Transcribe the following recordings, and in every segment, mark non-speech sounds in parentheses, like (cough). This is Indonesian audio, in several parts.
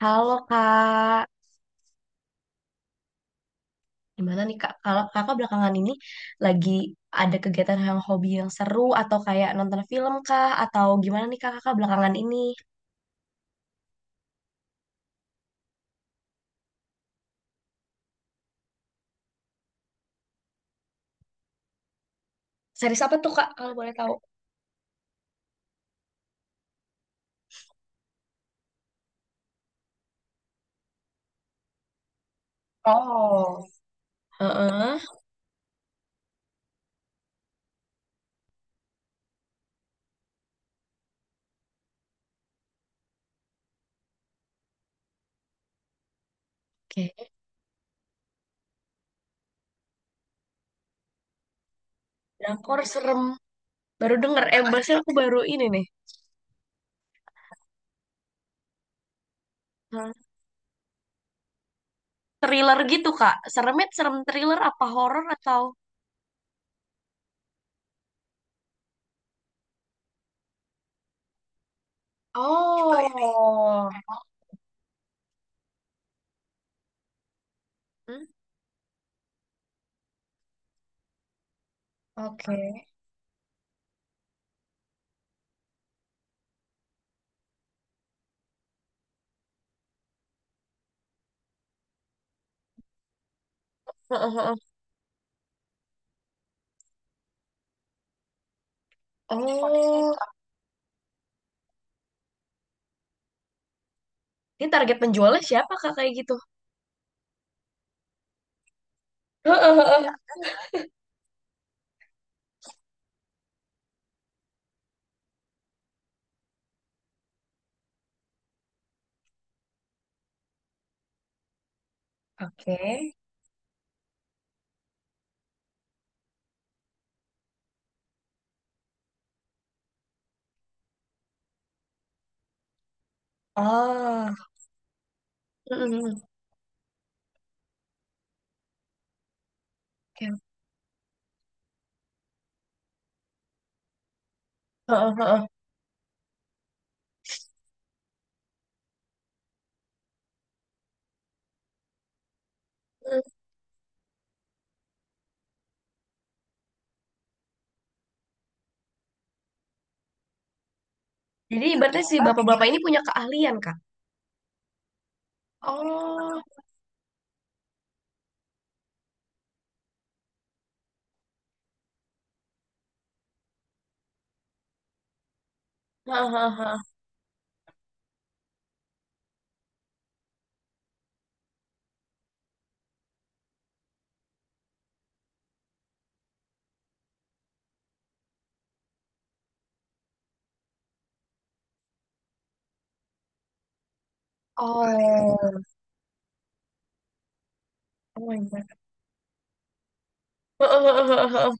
Halo Kak, gimana nih Kak? Kalau Kakak belakangan ini lagi ada kegiatan yang hobi yang seru atau kayak nonton film kah? Atau gimana nih Kak Kakak belakangan ini? Series apa tuh Kak kalau boleh tahu? Oh, heeh. Oke. Drakor serem. Baru denger, eh bahasanya aku baru ini nih. Hmm. Thriller gitu Kak. Seremnya serem thriller apa horor atau? Oh. Hmm? Oke. Heeh, heeh. Oh, ini target penjualnya siapa Kak kayak gitu? Heeh, heeh. Oke. Oh. Mm-mm. Oke. Heeh, heeh. Mm. Jadi ibaratnya si bapak-bapak ini punya keahlian, Kak. Oh. Heeh, heeh, heeh. Oh. Oh my God. Heeh, heeh, heeh, heeh.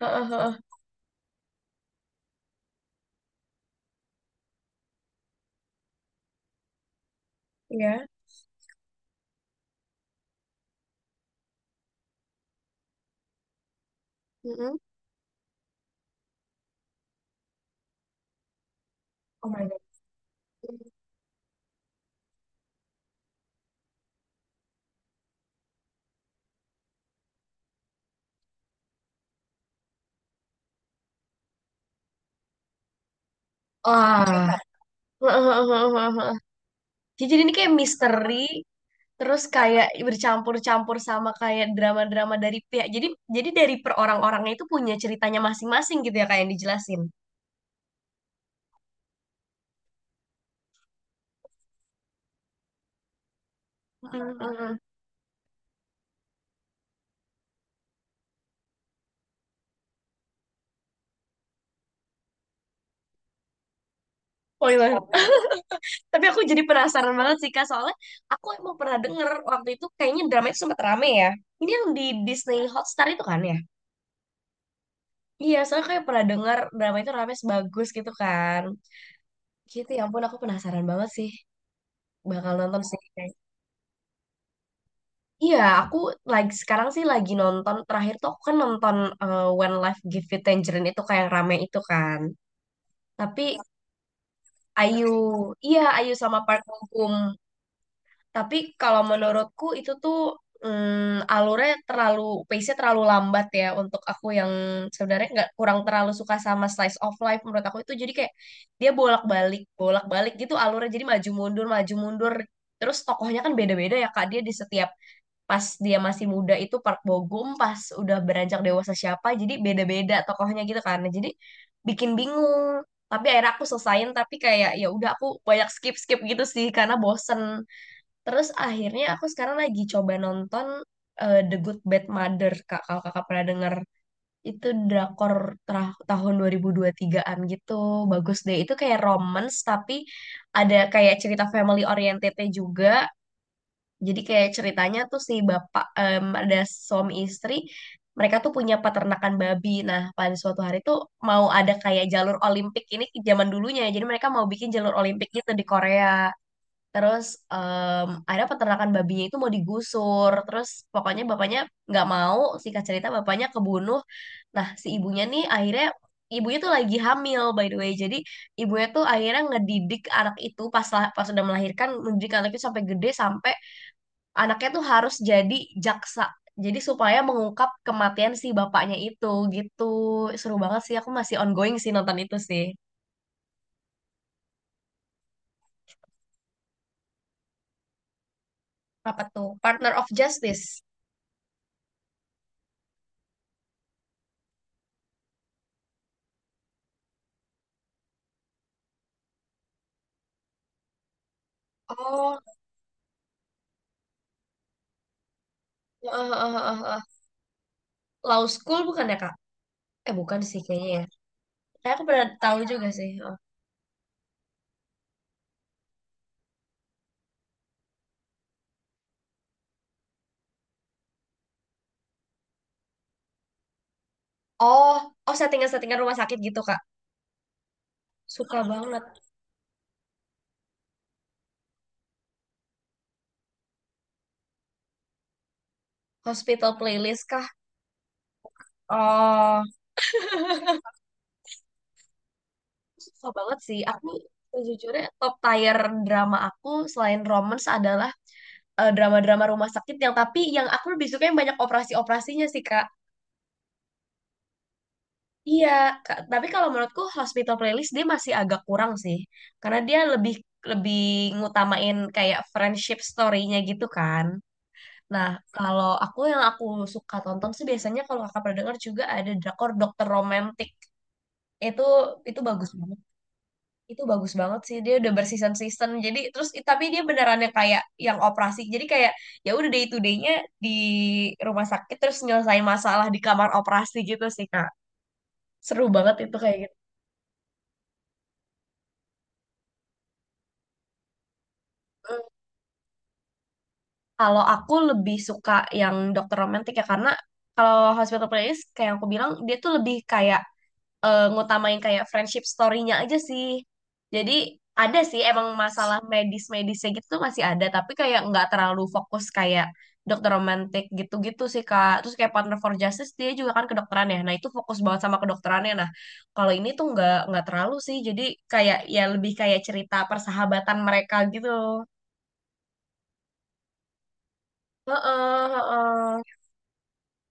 Heeh, heeh. Ya. Mm-mm. Oh my God. Wah. Hebat. Jadi ini kayak misteri, terus kayak bercampur-campur sama kayak drama-drama dari pihak. Jadi dari per orang-orangnya itu punya ceritanya masing-masing gitu ya kayak yang dijelasin. Mm-mm. Spoiler. Tapi aku jadi penasaran banget sih Kak, soalnya aku emang pernah denger waktu itu kayaknya drama itu sempat rame ya. Ini yang di Disney Hotstar itu kan ya? Iya, soalnya kayak pernah denger drama itu rame sebagus gitu kan. Gitu ya ampun, aku penasaran banget sih. Bakal nonton sih kayak. Iya, aku lagi sekarang sih lagi nonton terakhir tuh aku kan nonton When Life Give You Tangerine itu kayak yang rame itu kan. Tapi Ayu, iya Ayu sama Park Bo Gum. Tapi kalau menurutku itu tuh alurnya terlalu pace-nya terlalu lambat ya untuk aku yang sebenarnya nggak kurang terlalu suka sama slice of life. Menurut aku itu jadi kayak dia bolak-balik bolak-balik gitu, alurnya jadi maju mundur maju mundur. Terus tokohnya kan beda-beda ya Kak, dia di setiap pas dia masih muda itu Park Bogum, pas udah beranjak dewasa siapa, jadi beda-beda tokohnya gitu kan. Nah, jadi bikin bingung, tapi akhirnya aku selesain tapi kayak ya udah aku banyak skip skip gitu sih karena bosen. Terus akhirnya aku sekarang lagi coba nonton The Good Bad Mother, Kak. Kalau kakak pernah denger, itu drakor tahun 2023-an gitu. Bagus deh. Itu kayak romance, tapi ada kayak cerita family oriented-nya juga. Jadi kayak ceritanya tuh si bapak, ada suami istri, mereka tuh punya peternakan babi. Nah, pada suatu hari tuh mau ada kayak jalur Olimpik ini zaman dulunya. Jadi mereka mau bikin jalur Olimpik gitu di Korea. Terus akhirnya peternakan babinya itu mau digusur. Terus pokoknya bapaknya nggak mau. Singkat cerita bapaknya kebunuh. Nah si ibunya nih akhirnya ibunya tuh lagi hamil by the way. Jadi ibunya tuh akhirnya ngedidik anak itu pas sudah melahirkan mendidik anak itu sampai gede sampai anaknya tuh harus jadi jaksa. Jadi supaya mengungkap kematian si bapaknya itu gitu. Seru banget sih. Aku masih ongoing sih nonton itu sih. Apa tuh? Partner of Justice. Oh. (laughs) Law School bukan ya, Kak? Eh, bukan sih kayaknya ya. Kayak aku pernah tahu juga sih. Oh, oh, oh, settingan-settingan rumah sakit gitu, Kak. Suka banget. Hospital playlist kah? Oh, suka banget sih. Aku sejujurnya top tier drama aku selain romance adalah drama-drama rumah sakit yang tapi yang aku lebih suka yang banyak operasi-operasinya sih, Kak. Iya, Kak. Tapi kalau menurutku Hospital Playlist dia masih agak kurang sih. Karena dia lebih lebih ngutamain kayak friendship story-nya gitu kan. Nah, kalau aku yang aku suka tonton sih biasanya kalau kakak pernah dengar juga ada drakor Dokter Romantik. Itu itu bagus banget. Itu bagus banget sih. Dia udah berseason-season. Jadi terus tapi dia beneran yang kayak yang operasi. Jadi kayak ya udah day to day-nya di rumah sakit terus nyelesain masalah di kamar operasi gitu sih, Kak. Seru banget itu kayak gitu. Mm. Kalau aku lebih suka yang Dokter Romantik ya karena kalau Hospital Playlist kayak yang aku bilang dia tuh lebih kayak ngutamain kayak friendship story-nya aja sih. Jadi ada sih emang masalah medis-medisnya gitu tuh masih ada, tapi kayak nggak terlalu fokus kayak dokter romantik gitu-gitu sih Kak. Terus kayak Partner for Justice dia juga kan kedokteran ya. Nah, itu fokus banget sama kedokterannya. Nah, kalau ini tuh nggak terlalu sih. Jadi kayak ya lebih kayak cerita persahabatan mereka gitu. Heeh, heeh.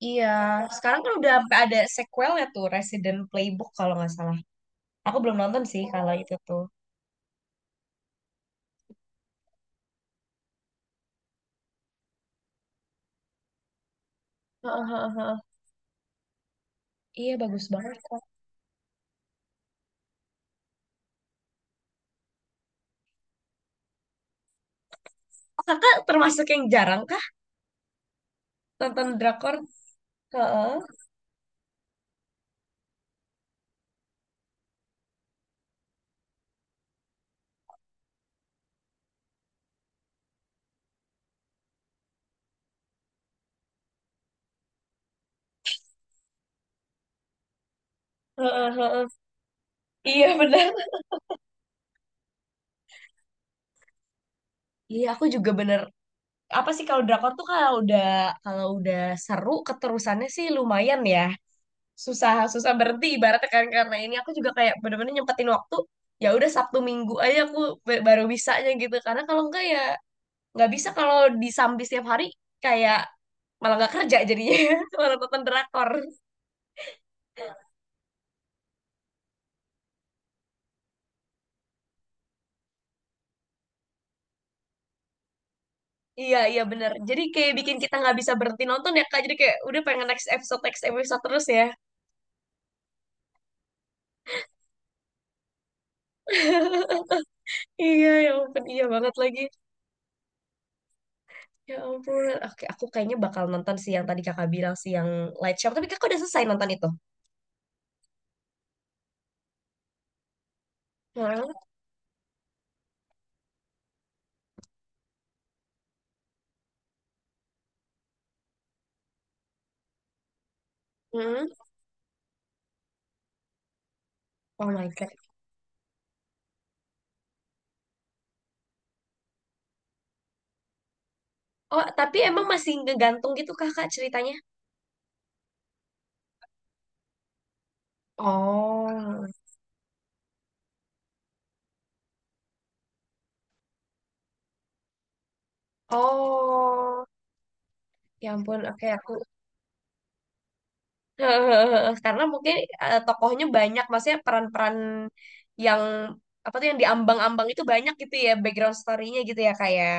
Iya, sekarang kan udah sampai ada sequelnya tuh Resident Playbook kalau nggak salah. Aku belum nonton sih kalau itu tuh. Heeh, heeh, heeh. Iya bagus banget kok. Oh, kakak termasuk yang jarang kah nonton drakor? Heeh, heeh, heeh. Iya benar. Iya aku juga bener. Apa sih kalau drakor tuh kalau udah seru keterusannya sih lumayan ya. Susah susah berhenti ibaratnya kan, karena ini aku juga kayak bener-bener nyempetin waktu. Ya udah Sabtu Minggu aja aku baru bisanya gitu. Karena kalau enggak ya nggak bisa kalau disambi setiap hari kayak malah nggak kerja jadinya (laughs) malah nonton drakor. Iya, iya bener. Jadi kayak bikin kita nggak bisa berhenti nonton ya, Kak. Jadi kayak udah pengen next episode terus ya. (laughs) Iya, ya ampun. Iya banget lagi. Ya ampun. Oke, aku kayaknya bakal nonton sih yang tadi kakak bilang sih, yang Light Shop. Tapi kakak udah selesai nonton itu? Hmm. Hmm. Oh my God. Oh, tapi emang masih ngegantung gitu kakak ceritanya? Oh. Oh. Ya ampun. Oke, aku (laughs) hehehe, karena mungkin tokohnya banyak, maksudnya peran-peran yang apa tuh yang diambang-ambang itu banyak gitu ya, background story-nya gitu ya kayak.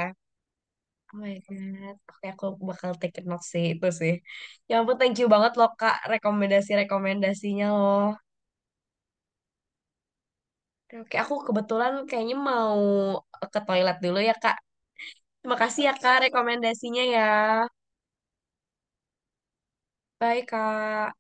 Oh my God. Oke, aku bakal take a note sih itu sih. Ya ampun, thank you banget loh Kak rekomendasi-rekomendasinya loh. Oke, oke, aku kebetulan kayaknya mau ke toilet dulu ya Kak. Terima kasih ya Kak rekomendasinya ya. Bye Kak.